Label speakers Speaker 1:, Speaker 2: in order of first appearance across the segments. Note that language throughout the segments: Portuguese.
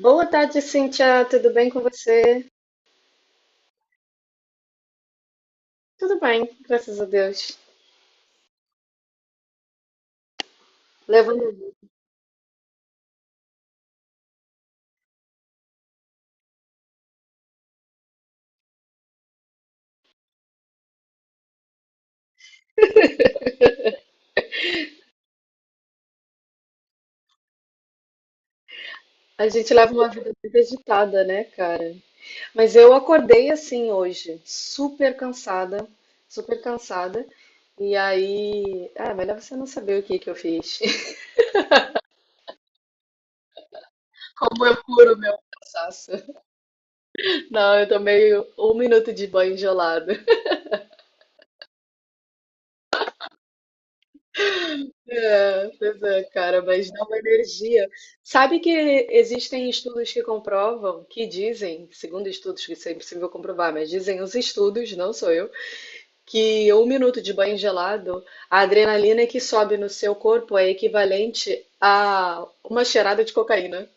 Speaker 1: Boa tarde, Cíntia. Tudo bem com você? Tudo bem, graças a Deus. Levando- a gente leva uma vida muito agitada, né, cara? Mas eu acordei assim hoje, super cansada, super cansada. E aí, melhor você não saber o que que eu fiz. Como eu curo meu cansaço. Não, eu tomei um minuto de banho gelado. É, pois é, cara, mas dá uma energia. Sabe que existem estudos que comprovam, que dizem, segundo estudos que isso é impossível comprovar, mas dizem os estudos, não sou eu, que um minuto de banho gelado, a adrenalina que sobe no seu corpo é equivalente a uma cheirada de cocaína.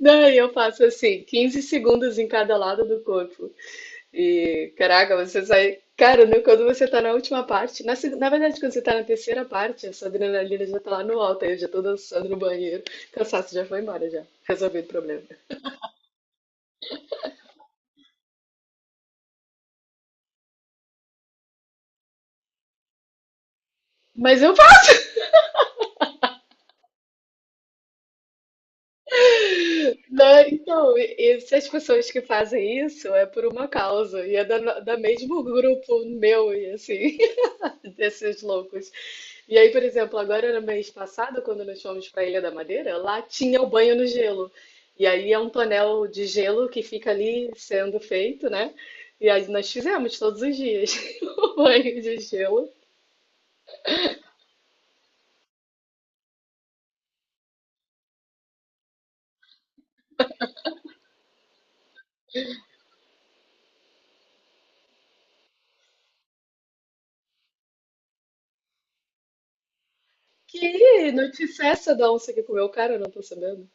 Speaker 1: Daí eu faço assim, 15 segundos em cada lado do corpo. E, caraca, você sai. Cara, né, quando você tá na última parte, na verdade, quando você tá na terceira parte, essa adrenalina já tá lá no alto, aí eu já tô dançando no banheiro, cansaço já foi embora, já. Resolvido o problema. Mas eu faço, né? Então, e se as pessoas que fazem isso é por uma causa, e é da mesmo grupo meu, e assim, desses loucos. E aí, por exemplo, agora no mês passado, quando nós fomos para a Ilha da Madeira, lá tinha o banho no gelo. E aí é um tonel de gelo que fica ali sendo feito, né? E aí nós fizemos todos os dias o banho de gelo. Que notícia é essa da onça que comeu o cara? Eu não tô sabendo.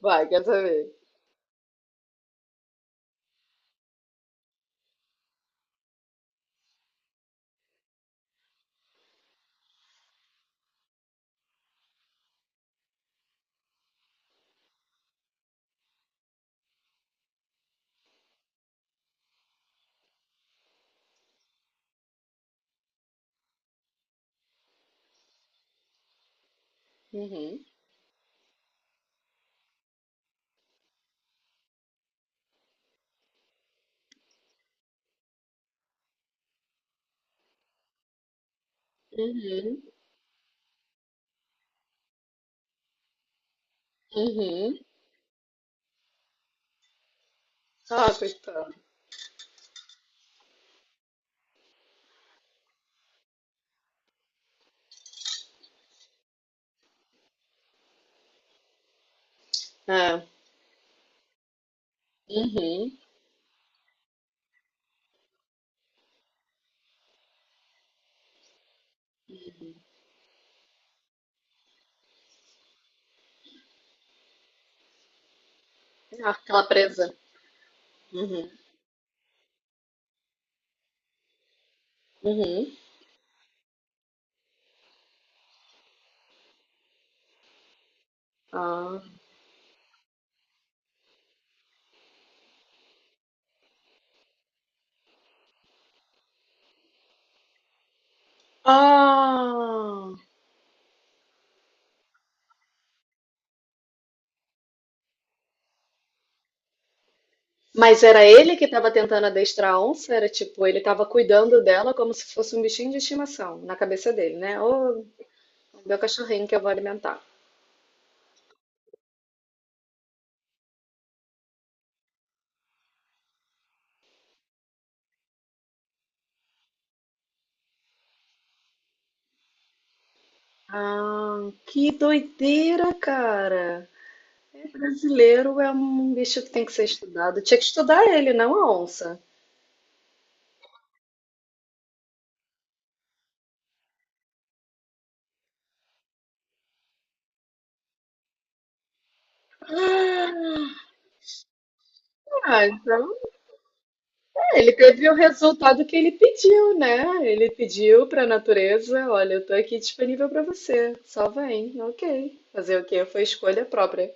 Speaker 1: Vai, quer saber? Uhum, uhum, uhum. Ah, coitado. É. Uhum. Ah, aquela presa. Uhum, uhum. Ah. Ah! Mas era ele que estava tentando adestrar a onça? Era tipo, ele estava cuidando dela como se fosse um bichinho de estimação, na cabeça dele, né? Ô, meu cachorrinho que eu vou alimentar. Ah, que doideira, cara! É brasileiro é um bicho que tem que ser estudado. Tinha que estudar ele, não a onça. Ah, então, é, ele teve o resultado que ele pediu, né? Ele pediu para a natureza, olha, eu tô aqui disponível para você, só vem, ok. Fazer o quê? Foi escolha própria.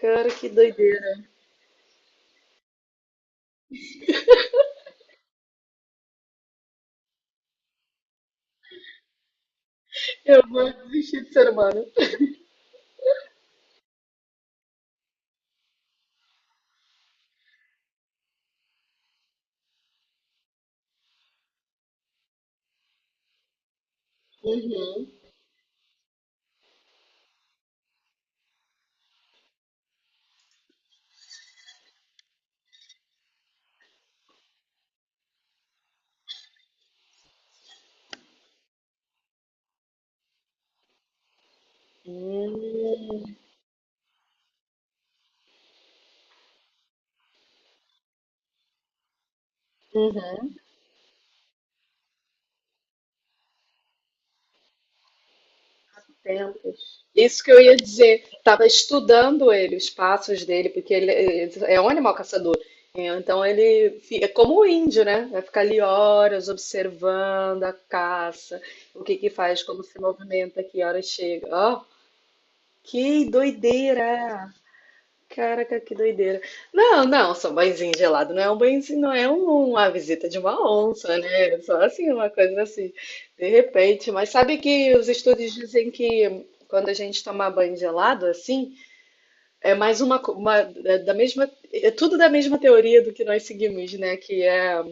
Speaker 1: Cara, que doideira. Eu vou desistir de ser humano. Uhum. Hum. Uhum. Tempos. Isso que eu ia dizer. Tava estudando ele, os passos dele, porque ele é um animal caçador. Então é como o índio, né? Vai ficar ali horas observando a caça, o que que faz, como se movimenta, que hora chega. Ó, que doideira! Caraca, que doideira. Não, não, só um banhozinho gelado, não é um banhozinho, não é um- uma visita de uma onça, né? É só assim, uma coisa assim, de repente. Mas sabe que os estudos dizem que quando a gente toma banho gelado, assim, é mais uma, co- uma é da mesma, é tudo da mesma teoria do que nós seguimos, né? Que é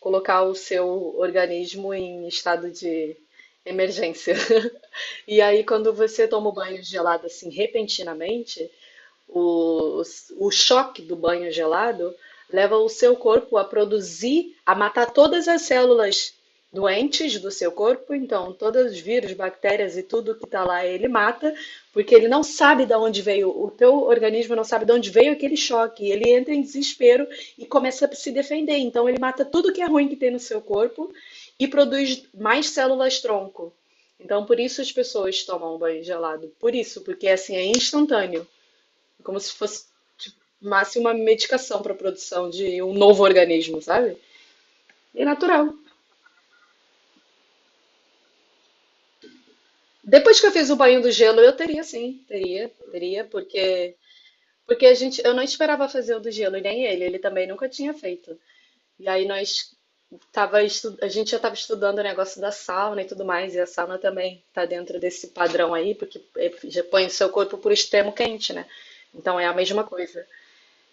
Speaker 1: colocar o seu organismo em estado de emergência. E aí, quando você toma o banho gelado assim repentinamente, o, o choque do banho gelado leva o seu corpo a produzir, a matar todas as células doentes do seu corpo, então todos os vírus, bactérias e tudo que está lá ele mata, porque ele não sabe de onde veio, o teu organismo não sabe de onde veio aquele choque, ele entra em desespero e começa a se defender, então ele mata tudo que é ruim que tem no seu corpo e produz mais células tronco. Então por isso as pessoas tomam banho gelado, por isso, porque assim é instantâneo. Como se fosse, tipo, máximo uma medicação para a produção de um novo organismo, sabe? E é natural. Depois que eu fiz o banho do gelo, eu teria sim, teria, teria, porque a gente, eu não esperava fazer o do gelo e nem ele, ele também nunca tinha feito. E aí a gente já estava estudando o negócio da sauna e tudo mais, e a sauna também está dentro desse padrão aí, já põe o seu corpo por extremo quente, né? Então é a mesma coisa.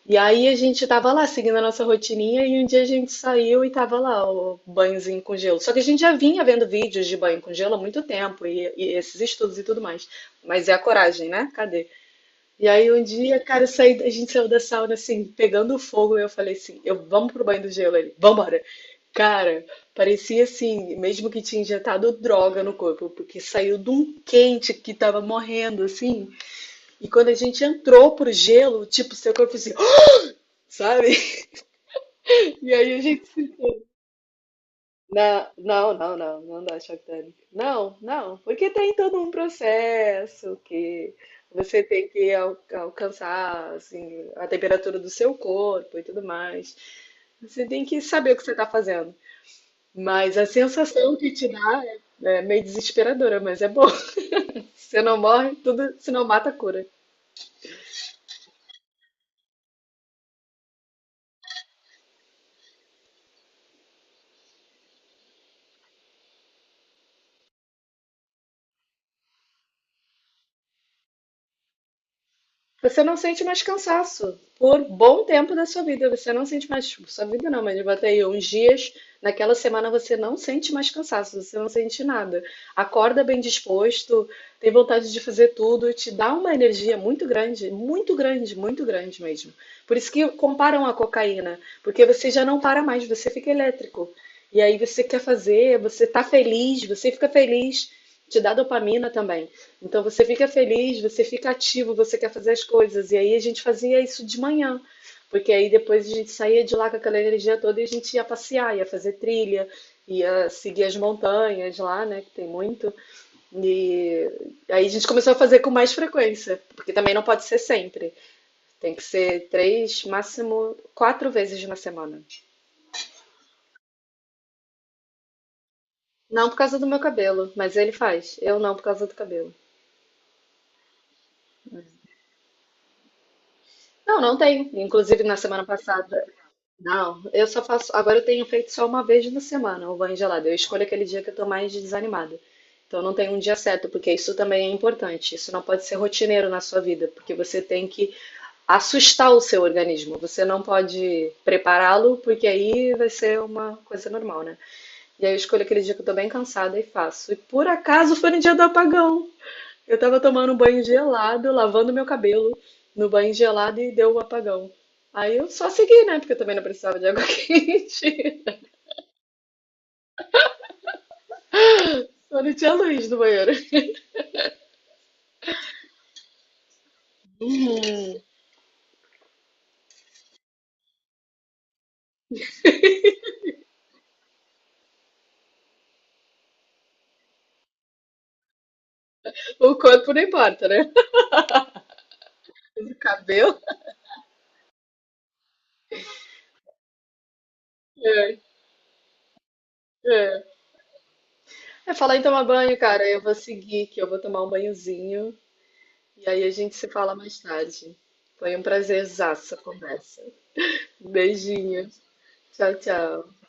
Speaker 1: E aí a gente tava lá seguindo a nossa rotininha e um dia a gente saiu e tava lá o banhozinho com gelo. Só que a gente já vinha vendo vídeos de banho com gelo há muito tempo e esses estudos e tudo mais. Mas é a coragem, né? Cadê? E aí um dia, cara, a gente saiu da sauna assim, pegando fogo, e eu falei assim, eu vamos pro banho do gelo ali, vambora. Cara, parecia assim, mesmo que tinha injetado droga no corpo, porque saiu de um quente que tava morrendo assim. E quando a gente entrou pro gelo, tipo, seu corpo assim, sabe? E aí a gente. Não, não, não, não, não dá choque térmico. Não, não, porque tem todo um processo que você tem que al- alcançar assim, a temperatura do seu corpo e tudo mais. Você tem que saber o que você está fazendo. Mas a sensação que te dá é meio desesperadora, mas é bom. Você não morre, tudo, se não mata, cura. Você não sente mais cansaço por bom tempo da sua vida. Você não sente mais, tipo, sua vida não, mas bota aí uns dias. Naquela semana você não sente mais cansaço, você não sente nada. Acorda bem disposto, tem vontade de fazer tudo, te dá uma energia muito grande, muito grande, muito grande mesmo. Por isso que comparam a cocaína, porque você já não para mais, você fica elétrico. E aí você quer fazer, você tá feliz, você fica feliz, te dá dopamina também. Então você fica feliz, você fica ativo, você quer fazer as coisas. E aí a gente fazia isso de manhã, porque aí depois a gente saía de lá com aquela energia toda e a gente ia passear, ia fazer trilha, ia seguir as montanhas lá, né, que tem muito. E aí a gente começou a fazer com mais frequência, porque também não pode ser sempre. Tem que ser três, máximo quatro vezes na semana. Não por causa do meu cabelo, mas ele faz. Eu não por causa do cabelo. Não, não tem. Inclusive na semana passada. Não, eu só faço. Agora eu tenho feito só uma vez na semana o banho gelado. Eu escolho aquele dia que eu tô mais desanimada. Então não tem um dia certo, porque isso também é importante. Isso não pode ser rotineiro na sua vida, porque você tem que assustar o seu organismo. Você não pode prepará-lo, porque aí vai ser uma coisa normal, né? E aí eu escolho aquele dia que eu tô bem cansada e faço. E por acaso foi no dia do apagão. Eu tava tomando um banho gelado, lavando meu cabelo no banho gelado e deu um apagão. Aí eu só segui, né? Porque eu também não precisava de água quente. Só não tinha luz no banheiro. O corpo não importa, né? O cabelo. É, é. É falar em tomar banho, cara. Eu vou seguir, que eu vou tomar um banhozinho. E aí a gente se fala mais tarde. Foi um prazerzaço a conversa. Beijinho. Tchau, tchau.